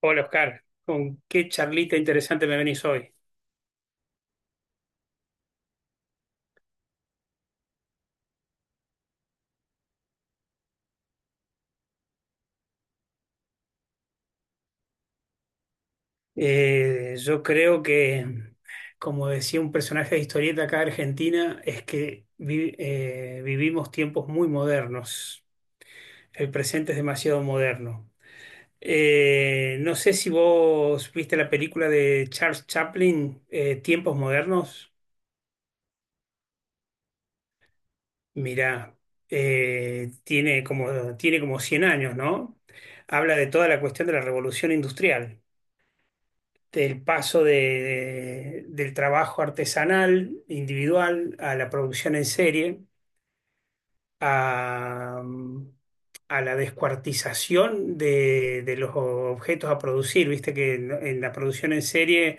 Hola Oscar, con qué charlita interesante me venís hoy. Yo creo que, como decía un personaje de historieta acá de Argentina, es que vivimos tiempos muy modernos. El presente es demasiado moderno. No sé si vos viste la película de Charles Chaplin, Tiempos Modernos. Mirá, tiene como 100 años, ¿no? Habla de toda la cuestión de la revolución industrial, del paso del trabajo artesanal, individual, a la producción en serie, a, a la descuartización de los objetos a producir. Viste que en la producción en serie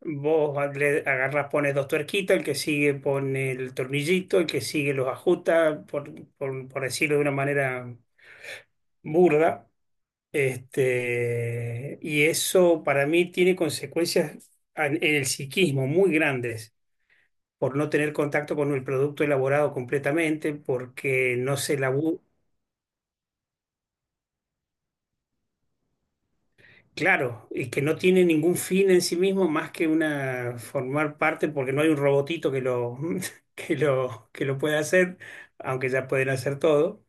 vos le agarrás, pones dos tuerquitas, el que sigue pone el tornillito, el que sigue los ajusta, por decirlo de una manera burda, y eso para mí tiene consecuencias en el psiquismo muy grandes por no tener contacto con el producto elaborado completamente, porque no se elabora, claro, y que no tiene ningún fin en sí mismo más que una formar parte, porque no hay un robotito que lo, que lo pueda hacer, aunque ya pueden hacer todo.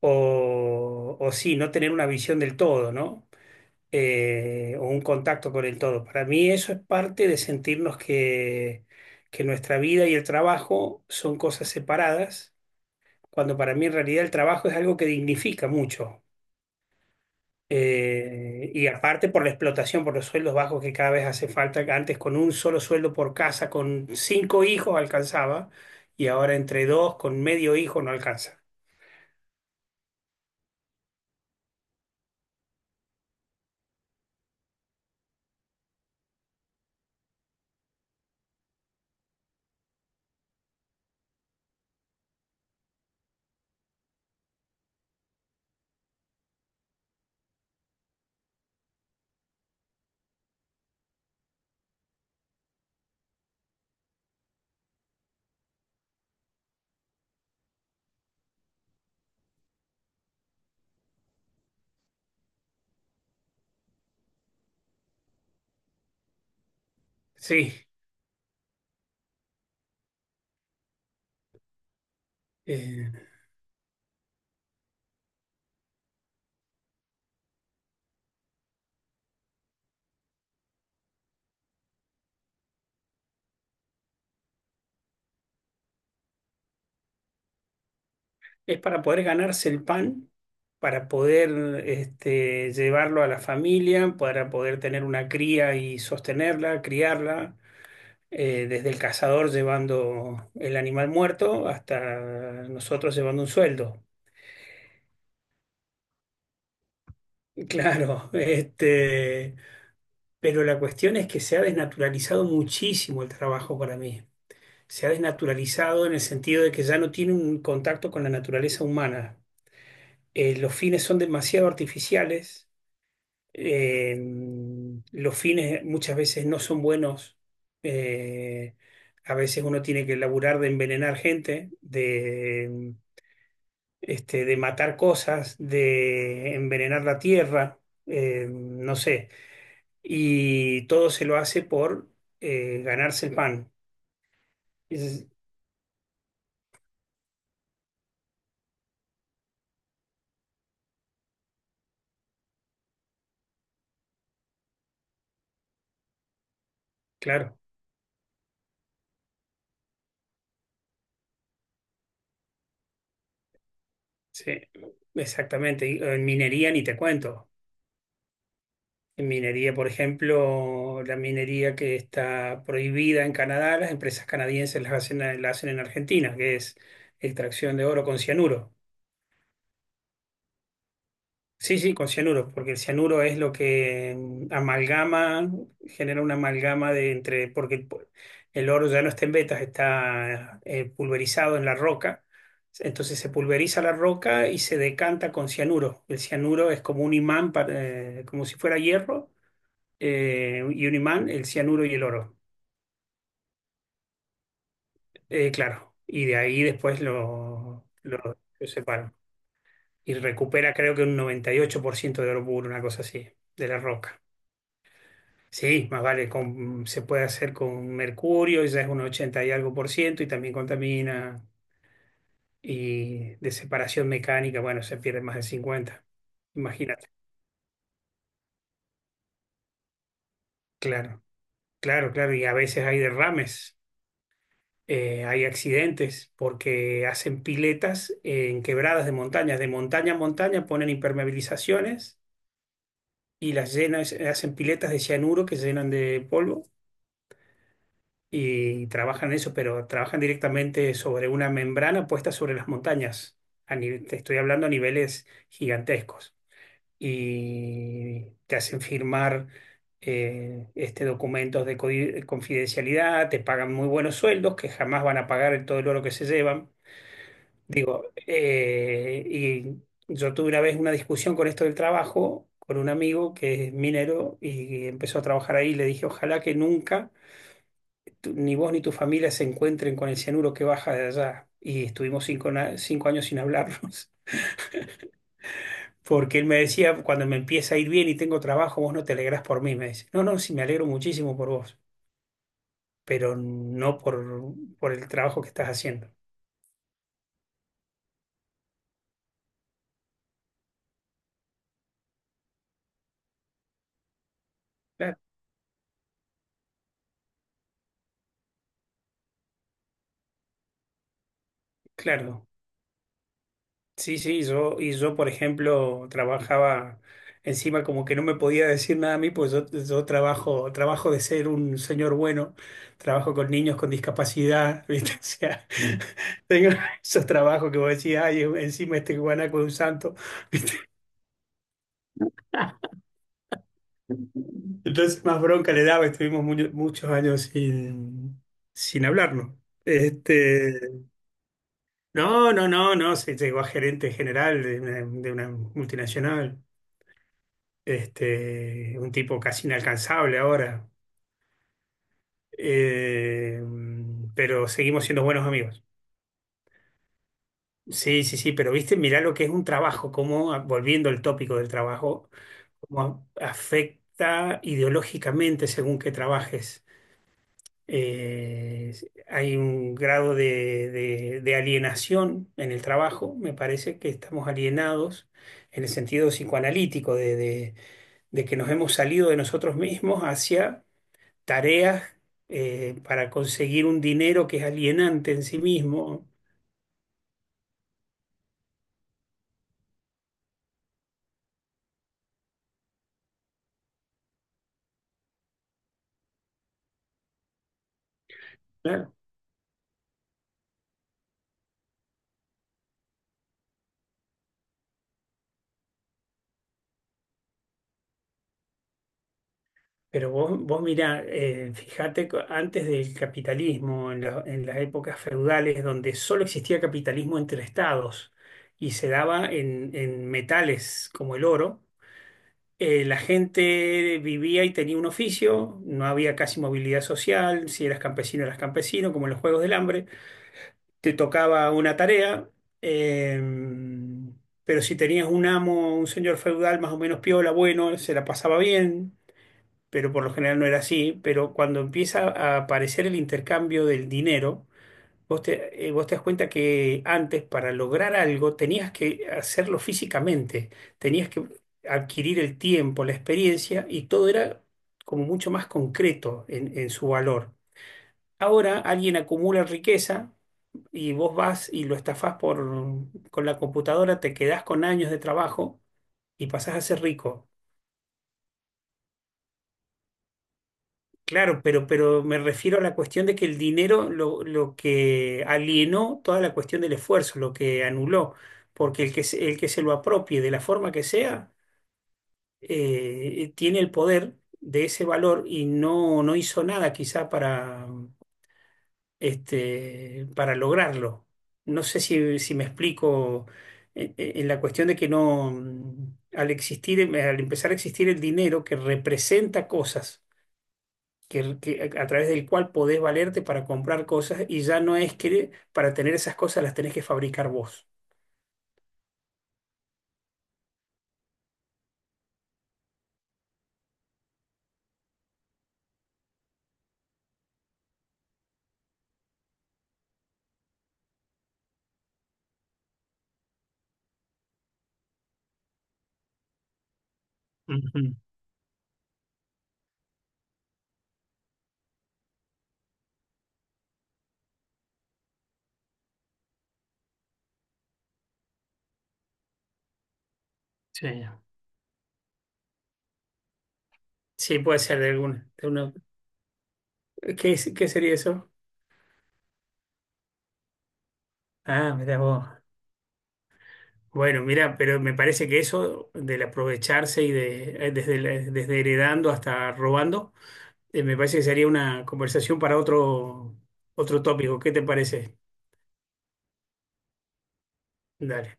O sí, no tener una visión del todo, ¿no? O un contacto con el todo. Para mí eso es parte de sentirnos que nuestra vida y el trabajo son cosas separadas, cuando para mí en realidad el trabajo es algo que dignifica mucho. Y aparte por la explotación, por los sueldos bajos que cada vez hace falta, que antes con un solo sueldo por casa, con cinco hijos alcanzaba, y ahora entre dos, con medio hijo no alcanza. Sí. eh, Es para poder ganarse el pan, para poder, llevarlo a la familia, para poder tener una cría y sostenerla, criarla, desde el cazador llevando el animal muerto hasta nosotros llevando un sueldo. Claro. Pero la cuestión es que se ha desnaturalizado muchísimo el trabajo para mí. Se ha desnaturalizado en el sentido de que ya no tiene un contacto con la naturaleza humana. Los fines son demasiado artificiales. Eh, los fines muchas veces no son buenos. Eh, a veces uno tiene que laburar de envenenar gente, de matar cosas, de envenenar la tierra. No sé. Y todo se lo hace por, ganarse el pan. Es- claro, sí, exactamente. Y, en minería ni te cuento. En minería, por ejemplo, la minería que está prohibida en Canadá, las empresas canadienses las hacen, la hacen en Argentina, que es extracción de oro con cianuro. Sí, sí, con cianuro, porque el cianuro es lo que, amalgama, genera una amalgama de entre, porque el oro ya no está en vetas, está, pulverizado en la roca. Entonces se pulveriza la roca y se decanta con cianuro. El cianuro es como un imán, como si fuera hierro, y un imán, el cianuro y el oro. Claro, y de ahí después, lo separan. Y recupera creo que un 98% de oro puro, una cosa así, de la roca. Sí, más vale, se puede hacer con mercurio, ya es un 80 y algo por ciento, y también contamina. Y de separación mecánica, bueno, se pierde más del 50. Imagínate. Claro, claro, claro. Y a veces hay derrames. Hay accidentes porque hacen piletas en quebradas de montañas. De montaña a montaña ponen impermeabilizaciones y las llenan, hacen piletas de cianuro que se llenan de polvo y trabajan eso, pero trabajan directamente sobre una membrana puesta sobre las montañas. Te estoy hablando a niveles gigantescos. Y te hacen firmar, este, documentos de confidencialidad. Te pagan muy buenos sueldos que jamás van a pagar todo el oro que se llevan. Digo, y yo tuve una vez una discusión con esto del trabajo, con un amigo que es minero y empezó a trabajar ahí. Y le dije, ojalá que nunca ni vos ni tu familia se encuentren con el cianuro que baja de allá. Y estuvimos cinco años sin hablarnos. Porque él me decía, cuando me empieza a ir bien y tengo trabajo, vos no te alegrás por mí. Me dice, no, no, sí, me alegro muchísimo por vos, pero no, por el trabajo que estás haciendo. Claro, claro. Sí, sí, yo, y yo, por ejemplo, trabajaba encima como que no me podía decir nada a mí, pues yo, yo trabajo de ser un señor bueno, trabajo con niños con discapacidad. ¿Viste? O sea, tengo esos trabajos que vos decís, ay, encima este guanaco es un santo. Entonces más bronca le daba, estuvimos muchos años sin hablarnos. Este, no, no, no, no, se llegó a gerente general de una multinacional. Un tipo casi inalcanzable ahora. Eh, pero seguimos siendo buenos amigos. Sí, sí, sí, pero viste, mirá lo que es un trabajo, cómo, ah, volviendo al tópico del trabajo, cómo afecta ideológicamente según que trabajes. Eh, hay un grado de, de alienación en el trabajo. Me parece que estamos alienados en el sentido psicoanalítico de que nos hemos salido de nosotros mismos hacia tareas, para conseguir un dinero que es alienante en sí mismo. Claro. Pero vos mirá, fíjate, antes del capitalismo, en las épocas feudales, donde solo existía capitalismo entre estados y se daba en metales como el oro. La gente vivía y tenía un oficio, no había casi movilidad social, si eras campesino eras campesino, como en los Juegos del Hambre, te tocaba una tarea, eh, pero si tenías un amo, un señor feudal más o menos piola, bueno, se la pasaba bien, pero por lo general no era así. Pero cuando empieza a aparecer el intercambio del dinero, vos te das cuenta que antes para lograr algo tenías que hacerlo físicamente, tenías que adquirir el tiempo, la experiencia, y todo era como mucho más concreto en su valor. Ahora alguien acumula riqueza y vos vas y lo estafás, con la computadora, te quedás con años de trabajo y pasás a ser rico. Claro, pero me refiero a la cuestión de que el dinero, lo que alienó toda la cuestión del esfuerzo, lo que anuló, porque el que se lo apropie de la forma que sea, tiene el poder de ese valor y no hizo nada quizá, para lograrlo. No sé si me explico en la cuestión de que no, al empezar a existir el dinero que representa cosas, que a través del cual podés valerte para comprar cosas, y ya no es que para tener esas cosas las tenés que fabricar vos. Ujú. Sí. Sí, puede ser de alguna. De una- ¿Qué, es- qué sería eso? Ah, mira vos. Bueno, mira, pero me parece que eso del aprovecharse y desde heredando hasta robando, me parece que sería una conversación para otro tópico. ¿Qué te parece? Dale.